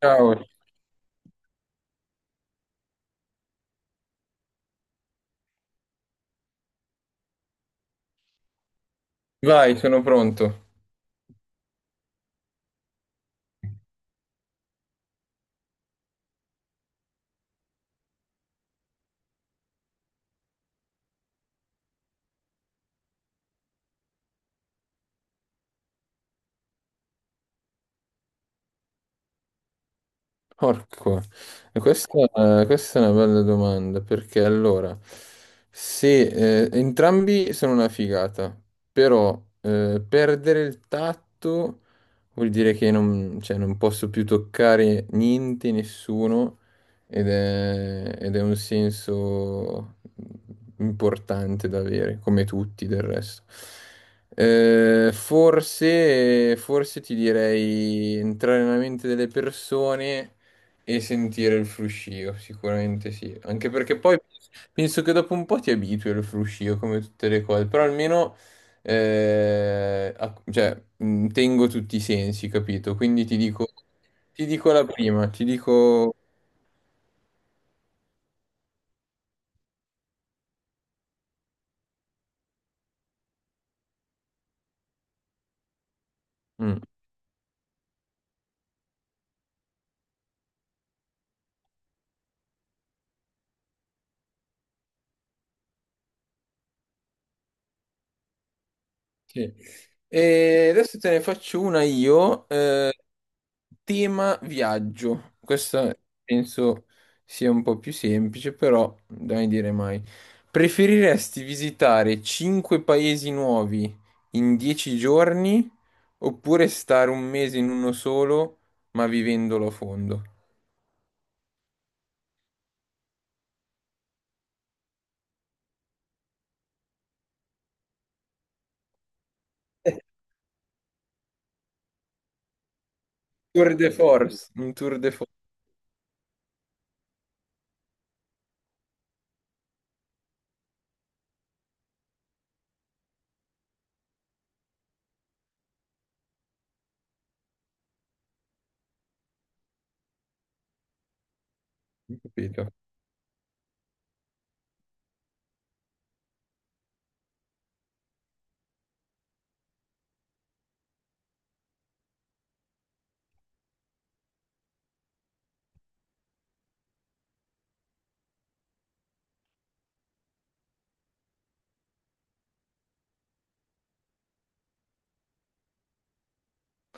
Ciao, vai, sono pronto. Porco. E questa è una bella domanda perché allora, se entrambi sono una figata, però perdere il tatto vuol dire che non, cioè, non posso più toccare niente, nessuno ed è un senso importante da avere, come tutti del resto. Forse ti direi entrare nella mente delle persone e sentire il fruscio, sicuramente sì. Anche perché poi penso che dopo un po' ti abitui al fruscio, come tutte le cose. Però almeno tengo tutti i sensi, capito? Quindi ti dico la prima, ti dico... mm. Sì. E adesso te ne faccio una io, tema viaggio. Questa penso sia un po' più semplice, però dai dire mai. Preferiresti visitare 5 paesi nuovi in 10 giorni oppure stare un mese in uno solo, ma vivendolo a fondo? Tour de force, un tour de force, capito?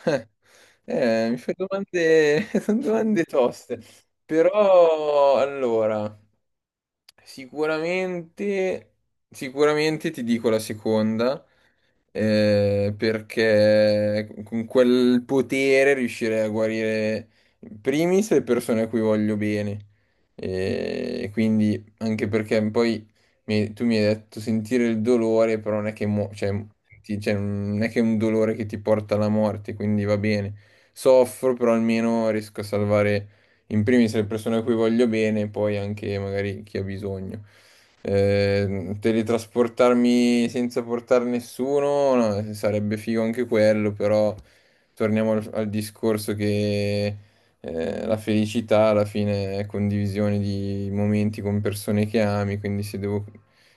Eh, mi fai domande, sono domande toste, però allora, sicuramente, sicuramente ti dico la seconda, perché con quel potere riuscirei a guarire in primis le persone a cui voglio bene. E quindi, anche perché poi tu mi hai detto sentire il dolore, però non è che, mo- cioè, ti- cioè, non è che è un dolore che ti porta alla morte, quindi va bene. Soffro, però almeno riesco a salvare in primis le persone a cui voglio bene, e poi anche magari chi ha bisogno. Teletrasportarmi senza portare nessuno, no, sarebbe figo anche quello, però torniamo al discorso che la felicità alla fine è condivisione di momenti con persone che ami, quindi se devo,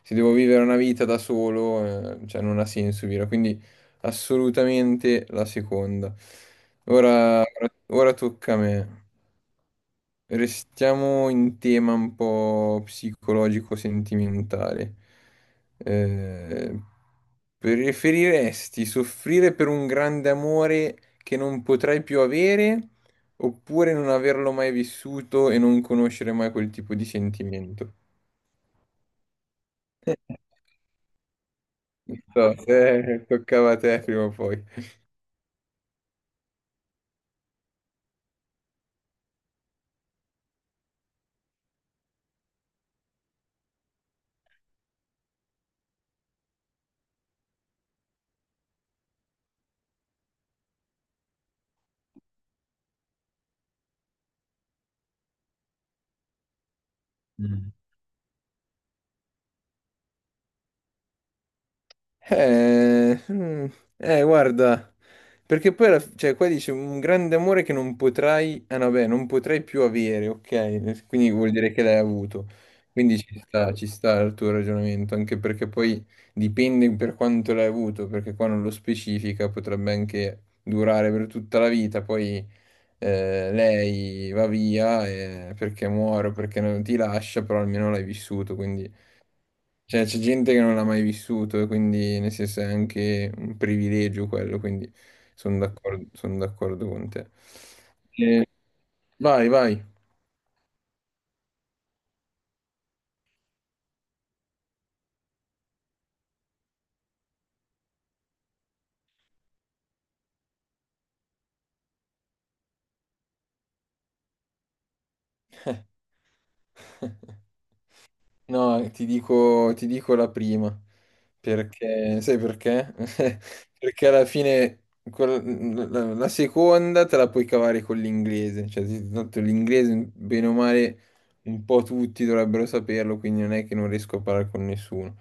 se devo vivere una vita da solo, cioè non ha senso vivere, quindi assolutamente la seconda. Ora, ora tocca a me. Restiamo in tema un po' psicologico-sentimentale. Eh, preferiresti soffrire per un grande amore che non potrai più avere oppure non averlo mai vissuto e non conoscere mai quel tipo di sentimento? Non so, toccava a te prima o poi. Eh, mm, guarda, perché poi, qua dice un grande amore che non potrai, ah, no, beh, non potrai più avere, ok? Eh, quindi vuol dire che l'hai avuto. Quindi ci sta il tuo ragionamento, anche perché poi dipende per quanto l'hai avuto, perché qua non lo specifica, potrebbe anche durare per tutta la vita, poi lei va via perché muore o perché non ti lascia, però almeno l'hai vissuto, quindi... Cioè, c'è gente che non l'ha mai vissuto, e quindi nel senso è anche un privilegio quello, quindi sono d'accordo con te. Eh, vai, vai. No, ti dico la prima, perché sai perché? Perché alla fine la seconda te la puoi cavare con l'inglese, cioè tanto l'inglese bene o male un po' tutti dovrebbero saperlo, quindi non è che non riesco a parlare con nessuno.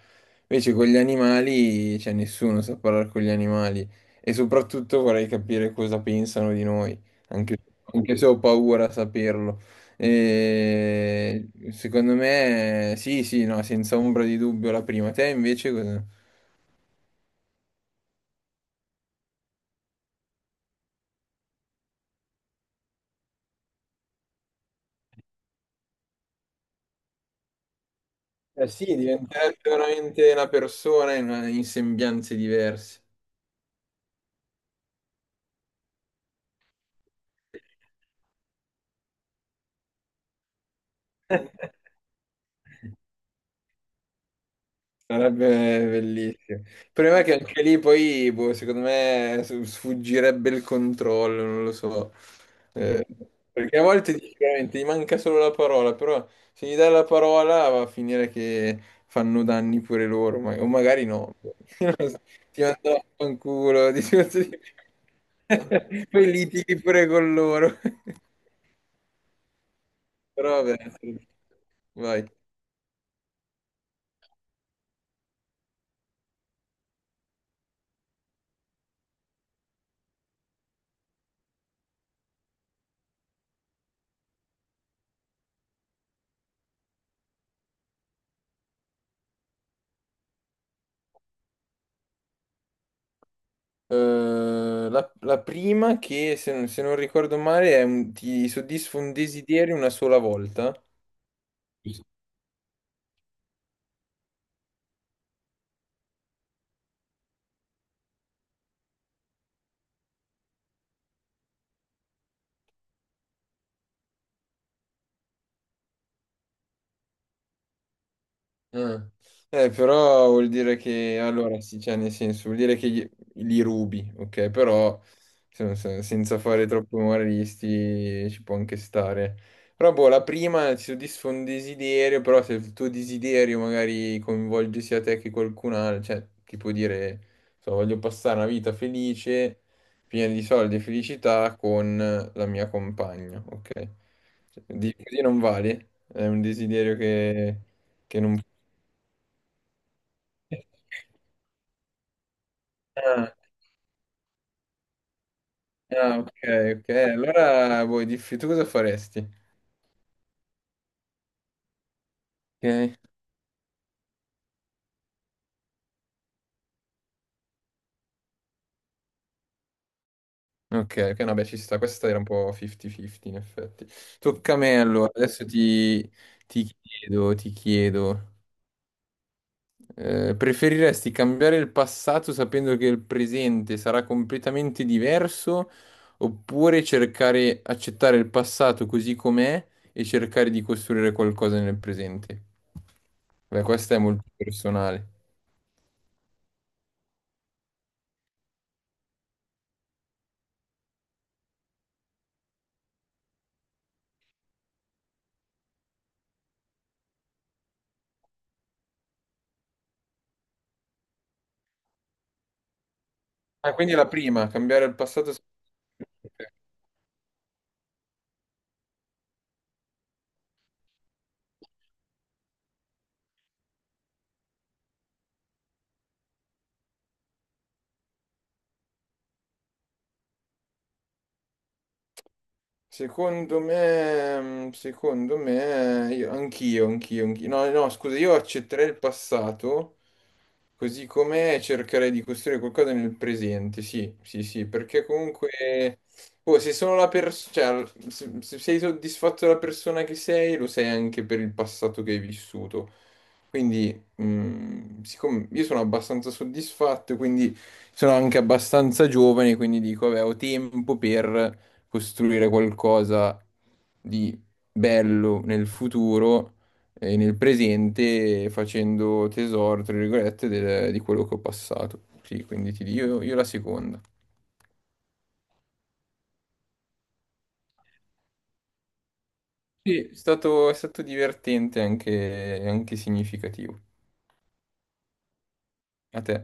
Invece con gli animali, cioè nessuno sa parlare con gli animali e soprattutto vorrei capire cosa pensano di noi, anche anche se ho paura a saperlo. E secondo me, sì, sì, no, senza ombra di dubbio la prima. Te invece cosa? Eh sì, diventerebbe veramente una persona in, in sembianze diverse. Sarebbe bellissimo. Il problema è che anche lì poi, boh, secondo me, sfuggirebbe il controllo, non lo so. Eh, perché a volte dici veramente gli manca solo la parola, però se gli dai la parola va a finire che fanno danni pure loro, ma- o magari no. Non lo so. Ti mandano a fanculo, di tutto di più. Poi litighi pure con loro. Però vabbè, sì. Vai. La, la prima che, se, non se non ricordo male, ti soddisfa un desiderio una sola volta. Ah. Però vuol dire che, allora sì, cioè nel senso, vuol dire che li rubi, ok? Però senza fare troppo umoristi ci può anche stare. Però boh, la prima ti soddisfa un desiderio, però se il tuo desiderio magari coinvolge sia te che qualcun altro, cioè ti può dire, so, voglio passare una vita felice, piena di soldi e felicità con la mia compagna, ok? Così non vale, è un desiderio che non ah, ah, ok, ok. Allora vuoi diffi tu cosa faresti? Ok, ok, ok, no, beh, ci sta. Questa era un po' 50-50 in effetti. Tocca a me allora. Adesso ti, ti chiedo, ti chiedo. Eh, preferiresti cambiare il passato sapendo che il presente sarà completamente diverso oppure cercare, accettare il passato così com'è e cercare di costruire qualcosa nel presente? Beh, questa è molto personale. Ah, quindi la prima, cambiare il passato. Secondo me, mm, secondo me, io- anch'io, anch'io, anch'io. No, no, scusa, io accetterei il passato così com'è e cercherei di costruire qualcosa nel presente, sì, sì, sì, perché comunque, oh, se sono la persona, cioè se sei soddisfatto della persona che sei, lo sei anche per il passato che hai vissuto. Quindi, mm, siccome io sono abbastanza soddisfatto, quindi sono anche abbastanza giovane, quindi dico, vabbè, ho tempo per costruire qualcosa di bello nel futuro e nel presente facendo tesoro, tra virgolette, di quello che ho passato. Sì, quindi ti dico io la seconda. Sì, è stato divertente anche, anche significativo. A te.